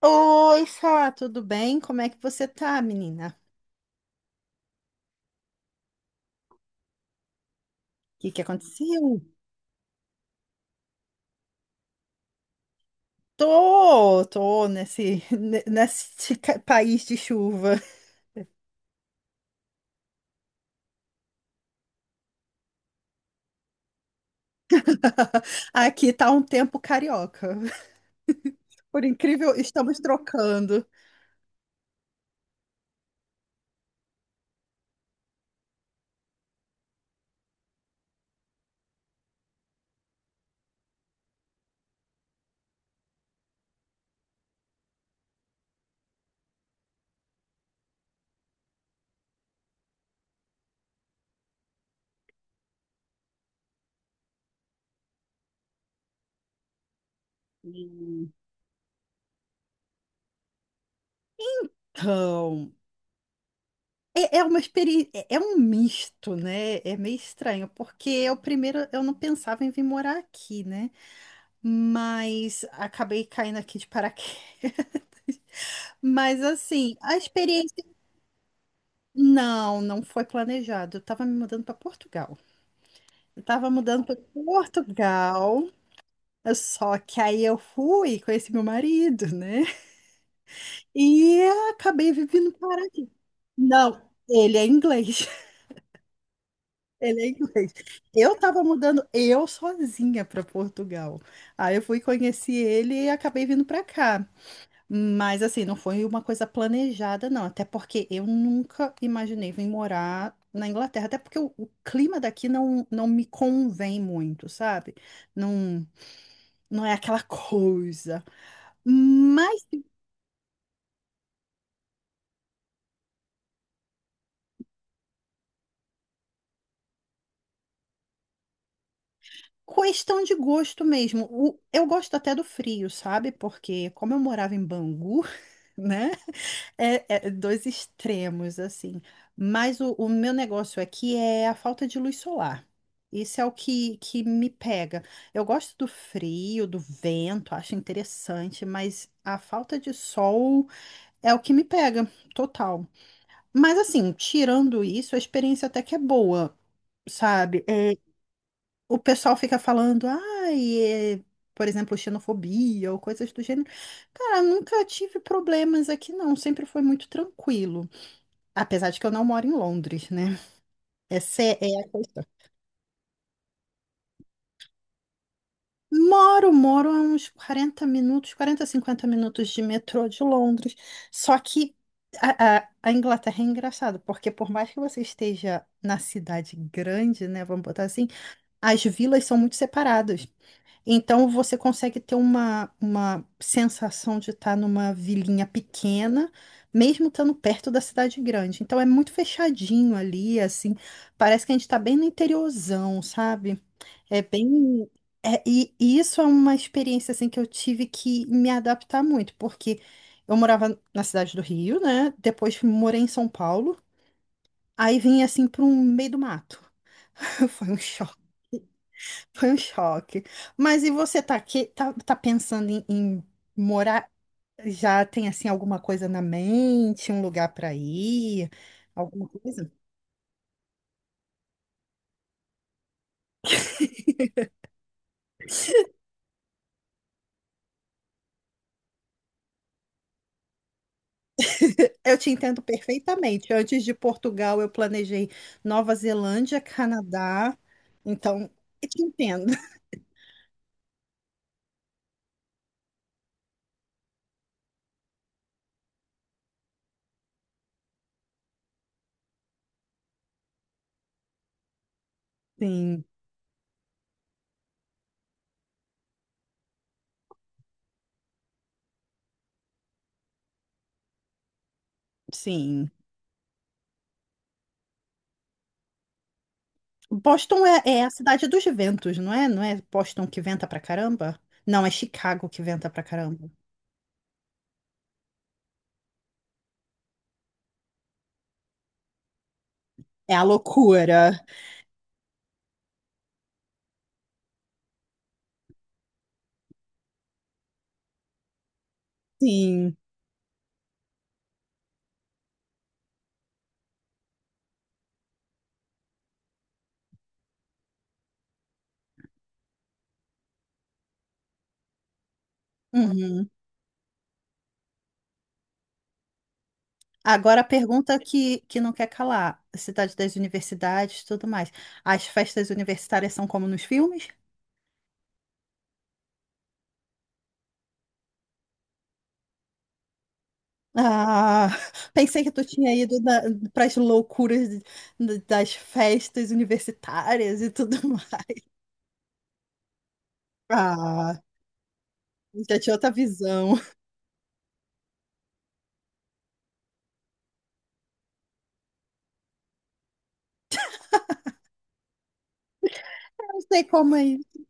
Oi, Sá, tudo bem? Como é que você tá, menina? O que que aconteceu? Tô nesse país de chuva. Aqui tá um tempo carioca. Por incrível, estamos trocando. Então, é uma experiência, é um misto, né? É meio estranho, porque eu primeiro eu não pensava em vir morar aqui, né? Mas acabei caindo aqui de paraquedas. Mas assim, a experiência. Não, não foi planejado. Eu tava me mudando para Portugal. Eu tava mudando para Portugal. Só que aí eu fui, conheci meu marido, né? E acabei vivendo por aqui. Não, ele é inglês. Ele é inglês. Eu tava mudando eu sozinha para Portugal. Aí eu fui conheci ele e acabei vindo para cá. Mas assim, não foi uma coisa planejada, não. Até porque eu nunca imaginei vir morar na Inglaterra. Até porque o clima daqui não, não me convém muito, sabe? Não, não é aquela coisa. Mas questão de gosto mesmo. O- eu gosto até do frio, sabe? Porque como eu morava em Bangu, né? É, é dois extremos, assim. Mas o meu negócio aqui é a falta de luz solar. Isso é o que me pega. Eu gosto do frio, do vento, acho interessante, mas a falta de sol é o que me pega, total. Mas, assim, tirando isso, a experiência até que é boa, sabe? O pessoal fica falando, ai, por exemplo, xenofobia ou coisas do gênero. Cara, nunca tive problemas aqui, não. Sempre foi muito tranquilo. Apesar de que eu não moro em Londres, né? Essa é a questão. Moro, moro a uns 40 minutos, 40, 50 minutos de metrô de Londres. Só que a Inglaterra é engraçado, porque por mais que você esteja na cidade grande, né? Vamos botar assim, as vilas são muito separadas. Então você consegue ter uma sensação de estar numa vilinha pequena, mesmo estando perto da cidade grande. Então é muito fechadinho ali, assim. Parece que a gente está bem no interiorzão, sabe? É bem. E isso é uma experiência assim que eu tive que me adaptar muito, porque eu morava na cidade do Rio, né? Depois morei em São Paulo, aí vim assim para um meio do mato. Foi um choque. Foi um choque. Mas e você tá aqui, tá, tá pensando em morar? Já tem assim alguma coisa na mente, um lugar para ir, alguma coisa? Eu te entendo perfeitamente. Antes de Portugal, eu planejei Nova Zelândia, Canadá. Então, eu te entendo. Sim, sim. Boston é a cidade dos ventos, não é? Não é Boston que venta pra caramba? Não, é Chicago que venta pra caramba. É a loucura. Sim. Uhum. Agora a pergunta que não quer calar. Cidade das universidades, tudo mais. As festas universitárias são como nos filmes? Ah, pensei que tu tinha ido para as loucuras das festas universitárias e tudo mais. Ah, já tinha outra visão. Não sei como é isso.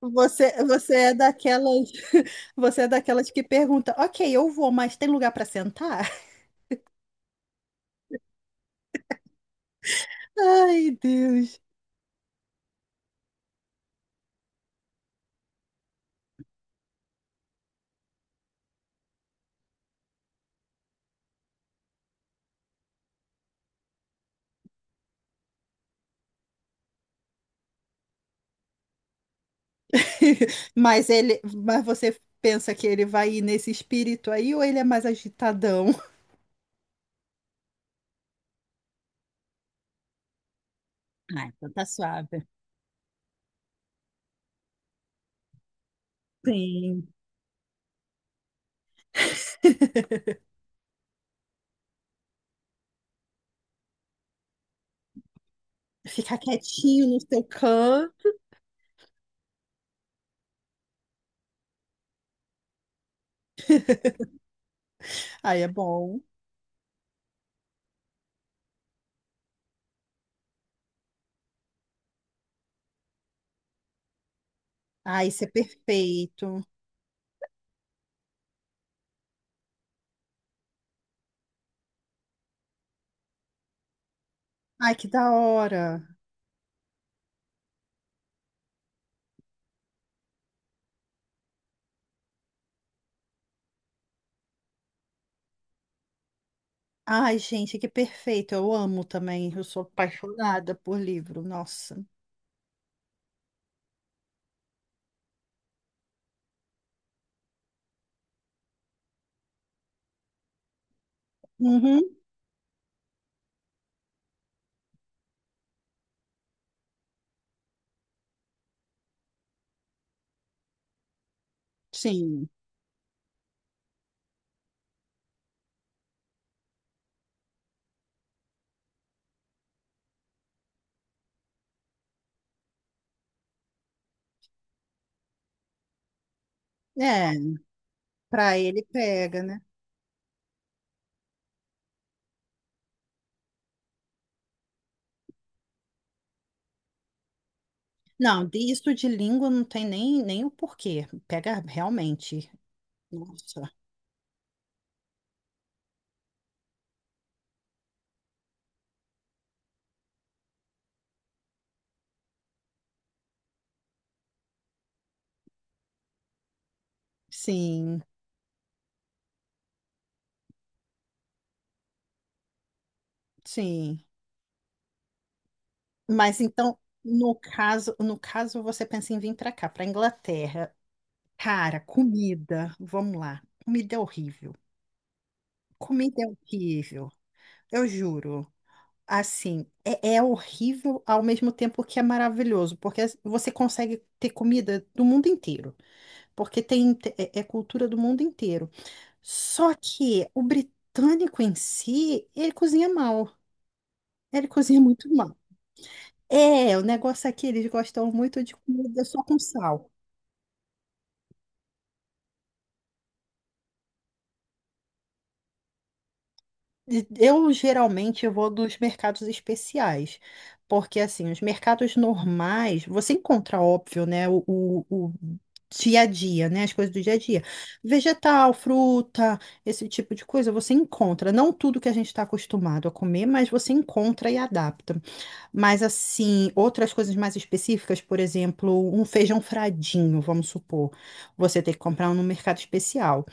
Você, você é daquelas, você é daquelas que pergunta, ok, eu vou, mas tem lugar para sentar? Ai, Deus. Mas ele, mas você pensa que ele vai ir nesse espírito aí ou ele é mais agitadão? Ah, então tá suave. Sim. Ficar quietinho no seu can. Ai, é bom. Ai, isso é perfeito. Ai, que da hora. Ai, gente, que perfeito. Eu amo também. Eu sou apaixonada por livro. Nossa. Uhum, sim. É, pra ele pega, né? Não, disso de língua não tem nem, nem o porquê. Pega realmente. Nossa. Sim. Sim. Mas então, no caso, no caso você pensa em vir para cá, para Inglaterra. Cara, comida, vamos lá. Comida é horrível. Comida é horrível. Eu juro. Assim, é horrível ao mesmo tempo que é maravilhoso, porque você consegue ter comida do mundo inteiro, porque tem é cultura do mundo inteiro. Só que o britânico em si, ele cozinha mal. Ele cozinha muito mal. É, o negócio aqui, eles gostam muito de comida só com sal. Eu geralmente vou dos mercados especiais, porque assim, os mercados normais, você encontra, óbvio, né, o dia a dia, né, as coisas do dia a dia. Vegetal, fruta, esse tipo de coisa, você encontra. Não tudo que a gente está acostumado a comer, mas você encontra e adapta. Mas assim, outras coisas mais específicas, por exemplo, um feijão fradinho, vamos supor, você tem que comprar um no mercado especial.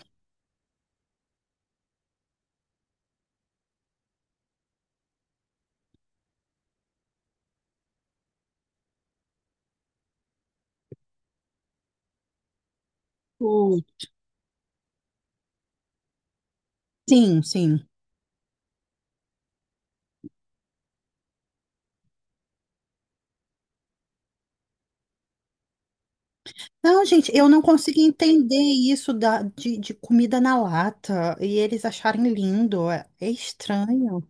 Hum, Sim, sim. Não, gente, eu não consigo entender isso da, de comida na lata e eles acharem lindo. É, é estranho.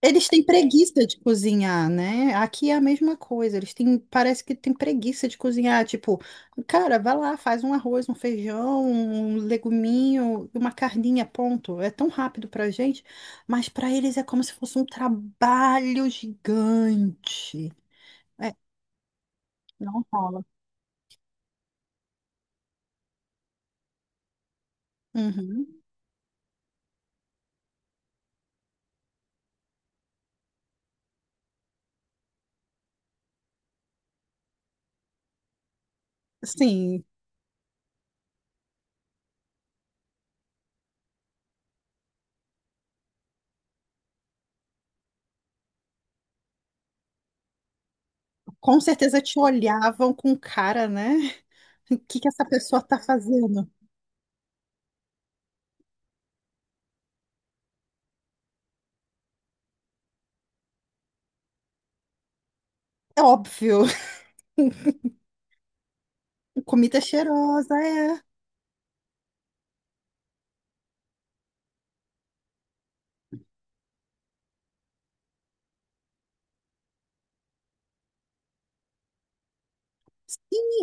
Eles têm preguiça de cozinhar, né? Aqui é a mesma coisa. Eles têm, parece que têm preguiça de cozinhar. Tipo, cara, vai lá, faz um arroz, um feijão, um leguminho, uma carninha, ponto. É tão rápido pra gente, mas pra eles é como se fosse um trabalho gigante. É, não rola. Uhum. Sim, com certeza te olhavam com cara, né? O que que essa pessoa tá fazendo? É óbvio, comida cheirosa, é.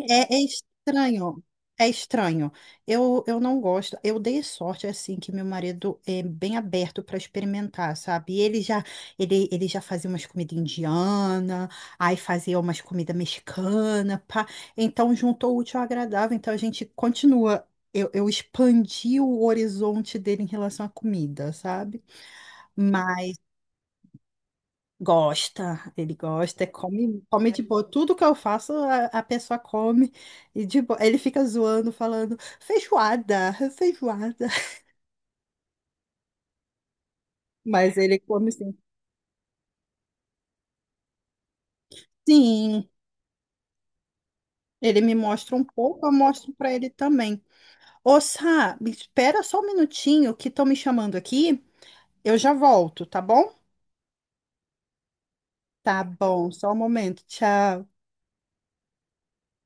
É, é estranho, é estranho. Eu não gosto. Eu dei sorte assim que meu marido é bem aberto para experimentar, sabe? E ele já fazia umas comidas indiana, aí fazia umas comidas mexicana, pá. Então juntou o útil ao agradável. Então a gente continua. Eu expandi o horizonte dele em relação à comida, sabe? Gosta, ele gosta, come, come de boa. Tudo que eu faço, a pessoa come e de boa. Ele fica zoando, falando feijoada, feijoada. Mas ele come sim. Sim, ele me mostra um pouco, eu mostro pra ele também. Ô, Sá, me espera só um minutinho que estão me chamando aqui. Eu já volto, tá bom? Tá bom, só um momento. Tchau.